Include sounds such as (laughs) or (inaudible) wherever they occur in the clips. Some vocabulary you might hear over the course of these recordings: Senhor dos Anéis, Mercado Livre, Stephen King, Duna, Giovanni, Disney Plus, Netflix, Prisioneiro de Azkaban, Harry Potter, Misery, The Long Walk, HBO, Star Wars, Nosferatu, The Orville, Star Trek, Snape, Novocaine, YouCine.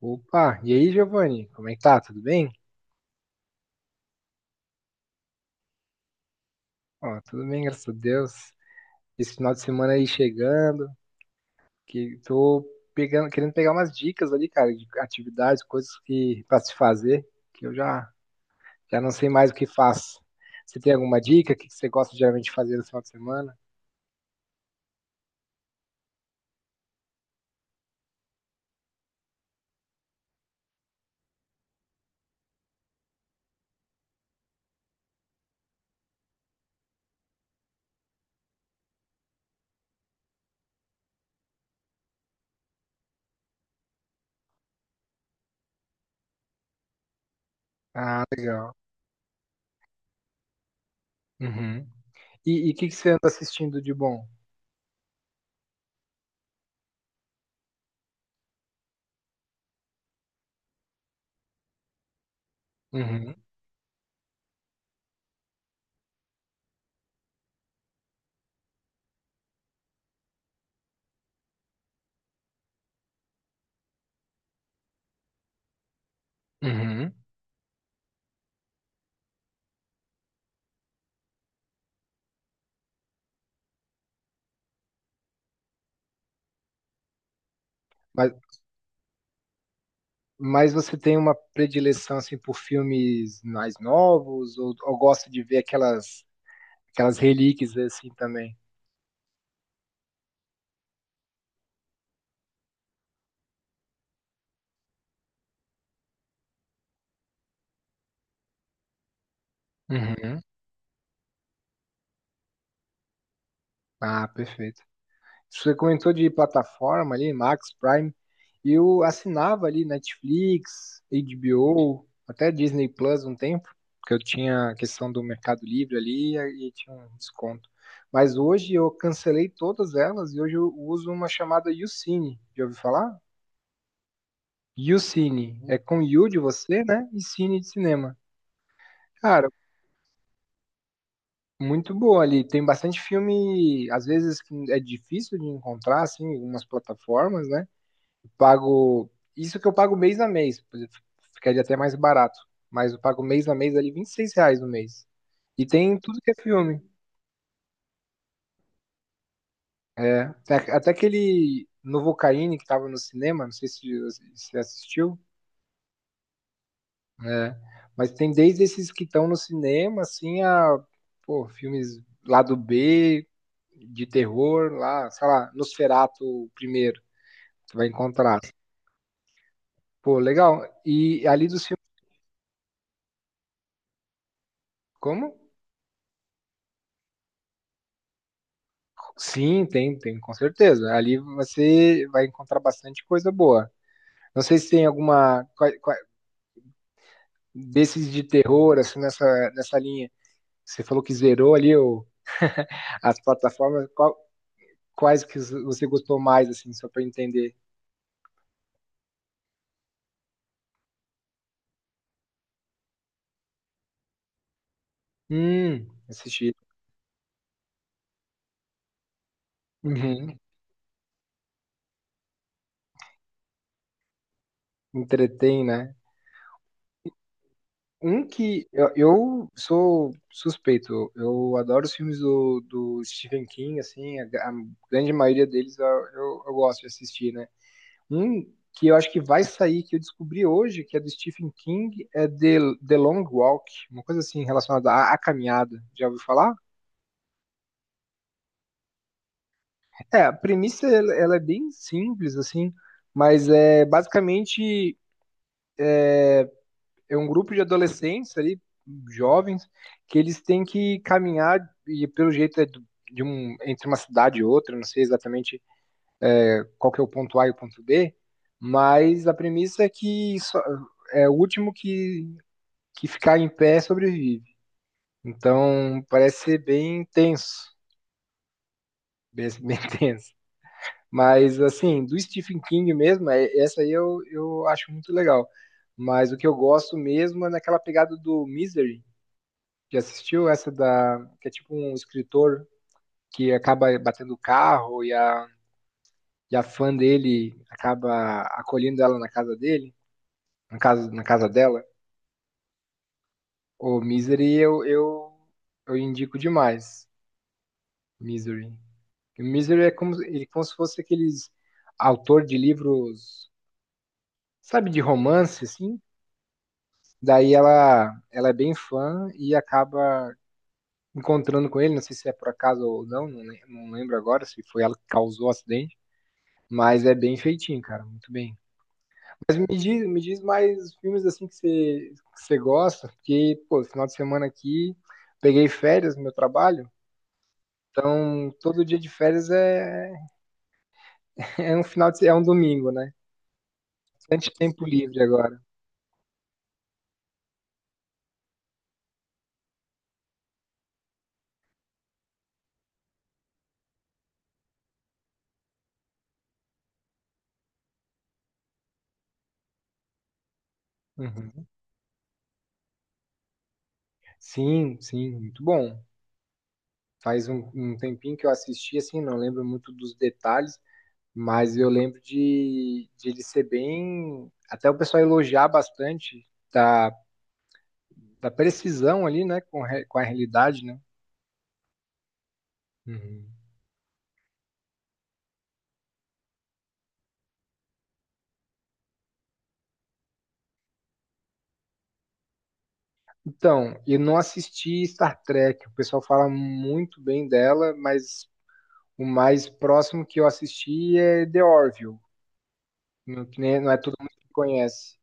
Opa, e aí, Giovanni? Como é que tá? Tudo bem? Ó, tudo bem, graças a Deus. Esse final de semana aí chegando, que tô pegando, querendo pegar umas dicas ali, cara, de atividades, coisas que para se fazer, que eu já não sei mais o que faço. Você tem alguma dica? O que que você gosta geralmente de fazer no final de semana? Ah, legal. Uhum. E o que que você anda assistindo de bom? Uhum. Uhum. Mas, mas você tem uma predileção assim por filmes mais novos ou gosta de ver aquelas relíquias assim também. Uhum. Ah, perfeito. Você comentou de plataforma ali, Max Prime. Eu assinava ali Netflix, HBO, até Disney Plus um tempo, porque eu tinha a questão do Mercado Livre ali e tinha um desconto. Mas hoje eu cancelei todas elas e hoje eu uso uma chamada YouCine. Já ouviu falar? YouCine. É com You de você, né? E Cine de cinema. Cara, muito boa ali. Tem bastante filme, às vezes que é difícil de encontrar, assim, em algumas plataformas, né? Pago. Isso que eu pago mês a mês, por exemplo, ficaria até mais barato. Mas eu pago mês a mês ali 26 reais no mês. E tem tudo que é filme. É. Até aquele Novocaine que tava no cinema, não sei se você assistiu. É, mas tem desde esses que estão no cinema, assim, a, pô, filmes lá do B, de terror, lá, sei lá, Nosferatu primeiro, você vai encontrar. Pô, legal. E ali dos filmes, como? Sim, tem, com certeza. Ali você vai encontrar bastante coisa boa. Não sei se tem alguma desses de terror, assim, nessa linha. Você falou que zerou ali o, as plataformas, quais que você gostou mais, assim, só para entender? Assisti. Uhum. Entretém, né? Um que eu sou suspeito, eu adoro os filmes do, do Stephen King, assim, a, a grande maioria deles eu gosto de assistir, né? Um que eu acho que vai sair, que eu descobri hoje, que é do Stephen King, é The Long Walk, uma coisa assim relacionada à, à caminhada. Já ouviu falar? É, a premissa ela é bem simples, assim, mas é basicamente. É um grupo de adolescentes ali, jovens, que eles têm que caminhar e pelo jeito é de um, entre uma cidade e outra, não sei exatamente qual que é o ponto A e o ponto B, mas a premissa é que só, é o último que ficar em pé sobrevive. Então parece ser bem tenso, bem, (laughs) bem tenso. Mas assim, do Stephen King mesmo, é, essa aí eu acho muito legal. Mas o que eu gosto mesmo é naquela pegada do Misery. Já assistiu essa da que é tipo um escritor que acaba batendo o carro e a fã dele acaba acolhendo ela na casa dele, na casa dela? O Misery eu indico demais. Misery. O Misery é como, ele é como se fosse aqueles autor de livros, sabe, de romance, assim. Daí ela é bem fã e acaba encontrando com ele, não sei se é por acaso ou não, não, não lembro agora se foi ela que causou o acidente. Mas é bem feitinho, cara, muito bem. Mas me diz mais filmes assim que você gosta, porque, pô, final de semana aqui, peguei férias no meu trabalho, então todo dia de férias é, (laughs) é um final de, é um domingo, né? Bastante tempo livre agora. Uhum. Sim, sim, muito bom. Faz um, um tempinho que eu assisti, assim, não lembro muito dos detalhes, mas eu lembro de ele ser bem. Até o pessoal elogiar bastante da. Da precisão ali, né, com, com a realidade, né? Uhum. Então, eu não assisti Star Trek. O pessoal fala muito bem dela, mas o mais próximo que eu assisti é The Orville, não, que nem- não é todo mundo que conhece.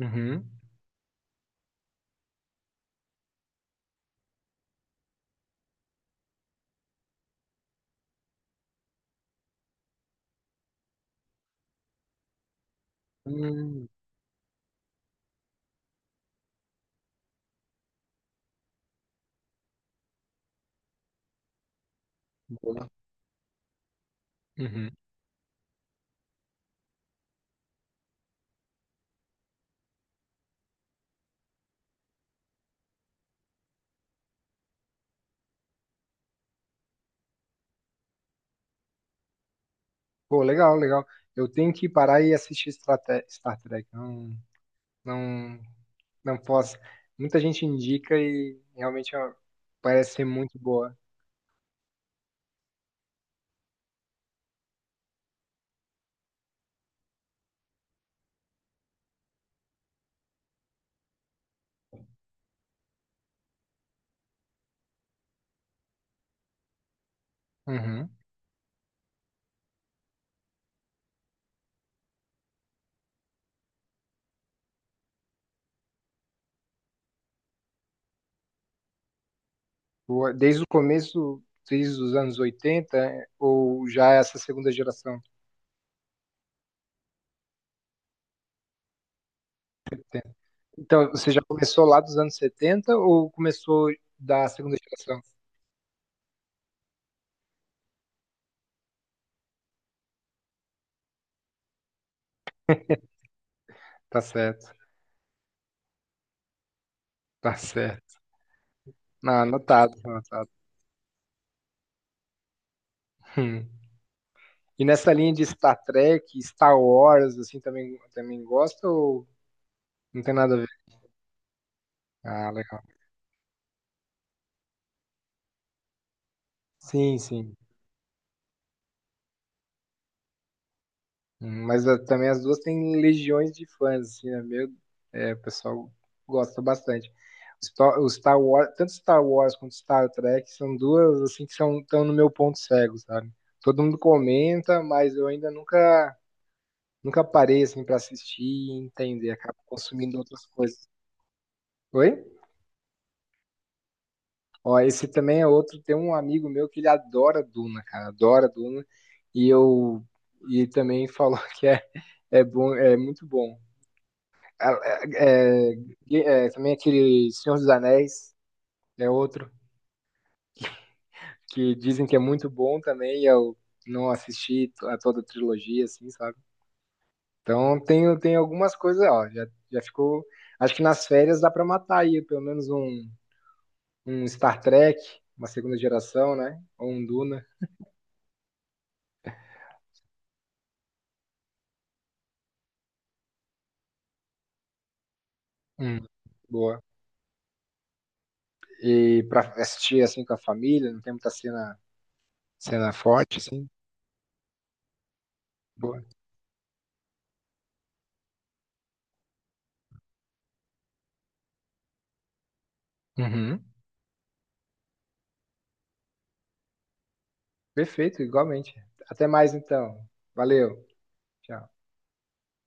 Uhum. Hum, boa. Uhum. Pô, legal, legal. Eu tenho que parar e assistir Star Trek. Não, não, não posso. Muita gente indica e realmente ó, parece ser muito boa. Uhum. Ou é desde o começo, desde os anos 80, é, ou já é essa segunda geração? Então, você já começou lá dos anos 70 ou começou da segunda geração? Tá certo, tá certo. Ah, anotado, anotado. Hum. E nessa linha de Star Trek, Star Wars, assim, também, também gosta ou não tem nada a ver? Ah, legal. Sim, sim. Mas ah, também as duas têm legiões de fãs, assim, né? Meu, é, o pessoal gosta bastante. O Star Wars, tanto Star Wars quanto Star Trek são duas assim que são estão no meu ponto cego, sabe? Todo mundo comenta, mas eu ainda nunca parei assim para assistir e entender, acabo consumindo outras coisas. Oi? Ó, esse também é outro, tem um amigo meu que ele adora Duna, cara, adora Duna, e eu e ele também falou (laughs) que é é bom, é muito bom. É, é, também aquele Senhor dos Anéis, é outro, que dizem que é muito bom também, e eu não assisti a toda a trilogia, assim, sabe? Então tem, tem algumas coisas, ó, já, já ficou. Acho que nas férias dá pra matar aí pelo menos um, um Star Trek, uma segunda geração, né? Ou um Duna. Hum, boa. E pra assistir assim com a família, não tem muita cena, cena forte, assim. Boa. Uhum. Perfeito, igualmente. Até mais então. Valeu. Tchau.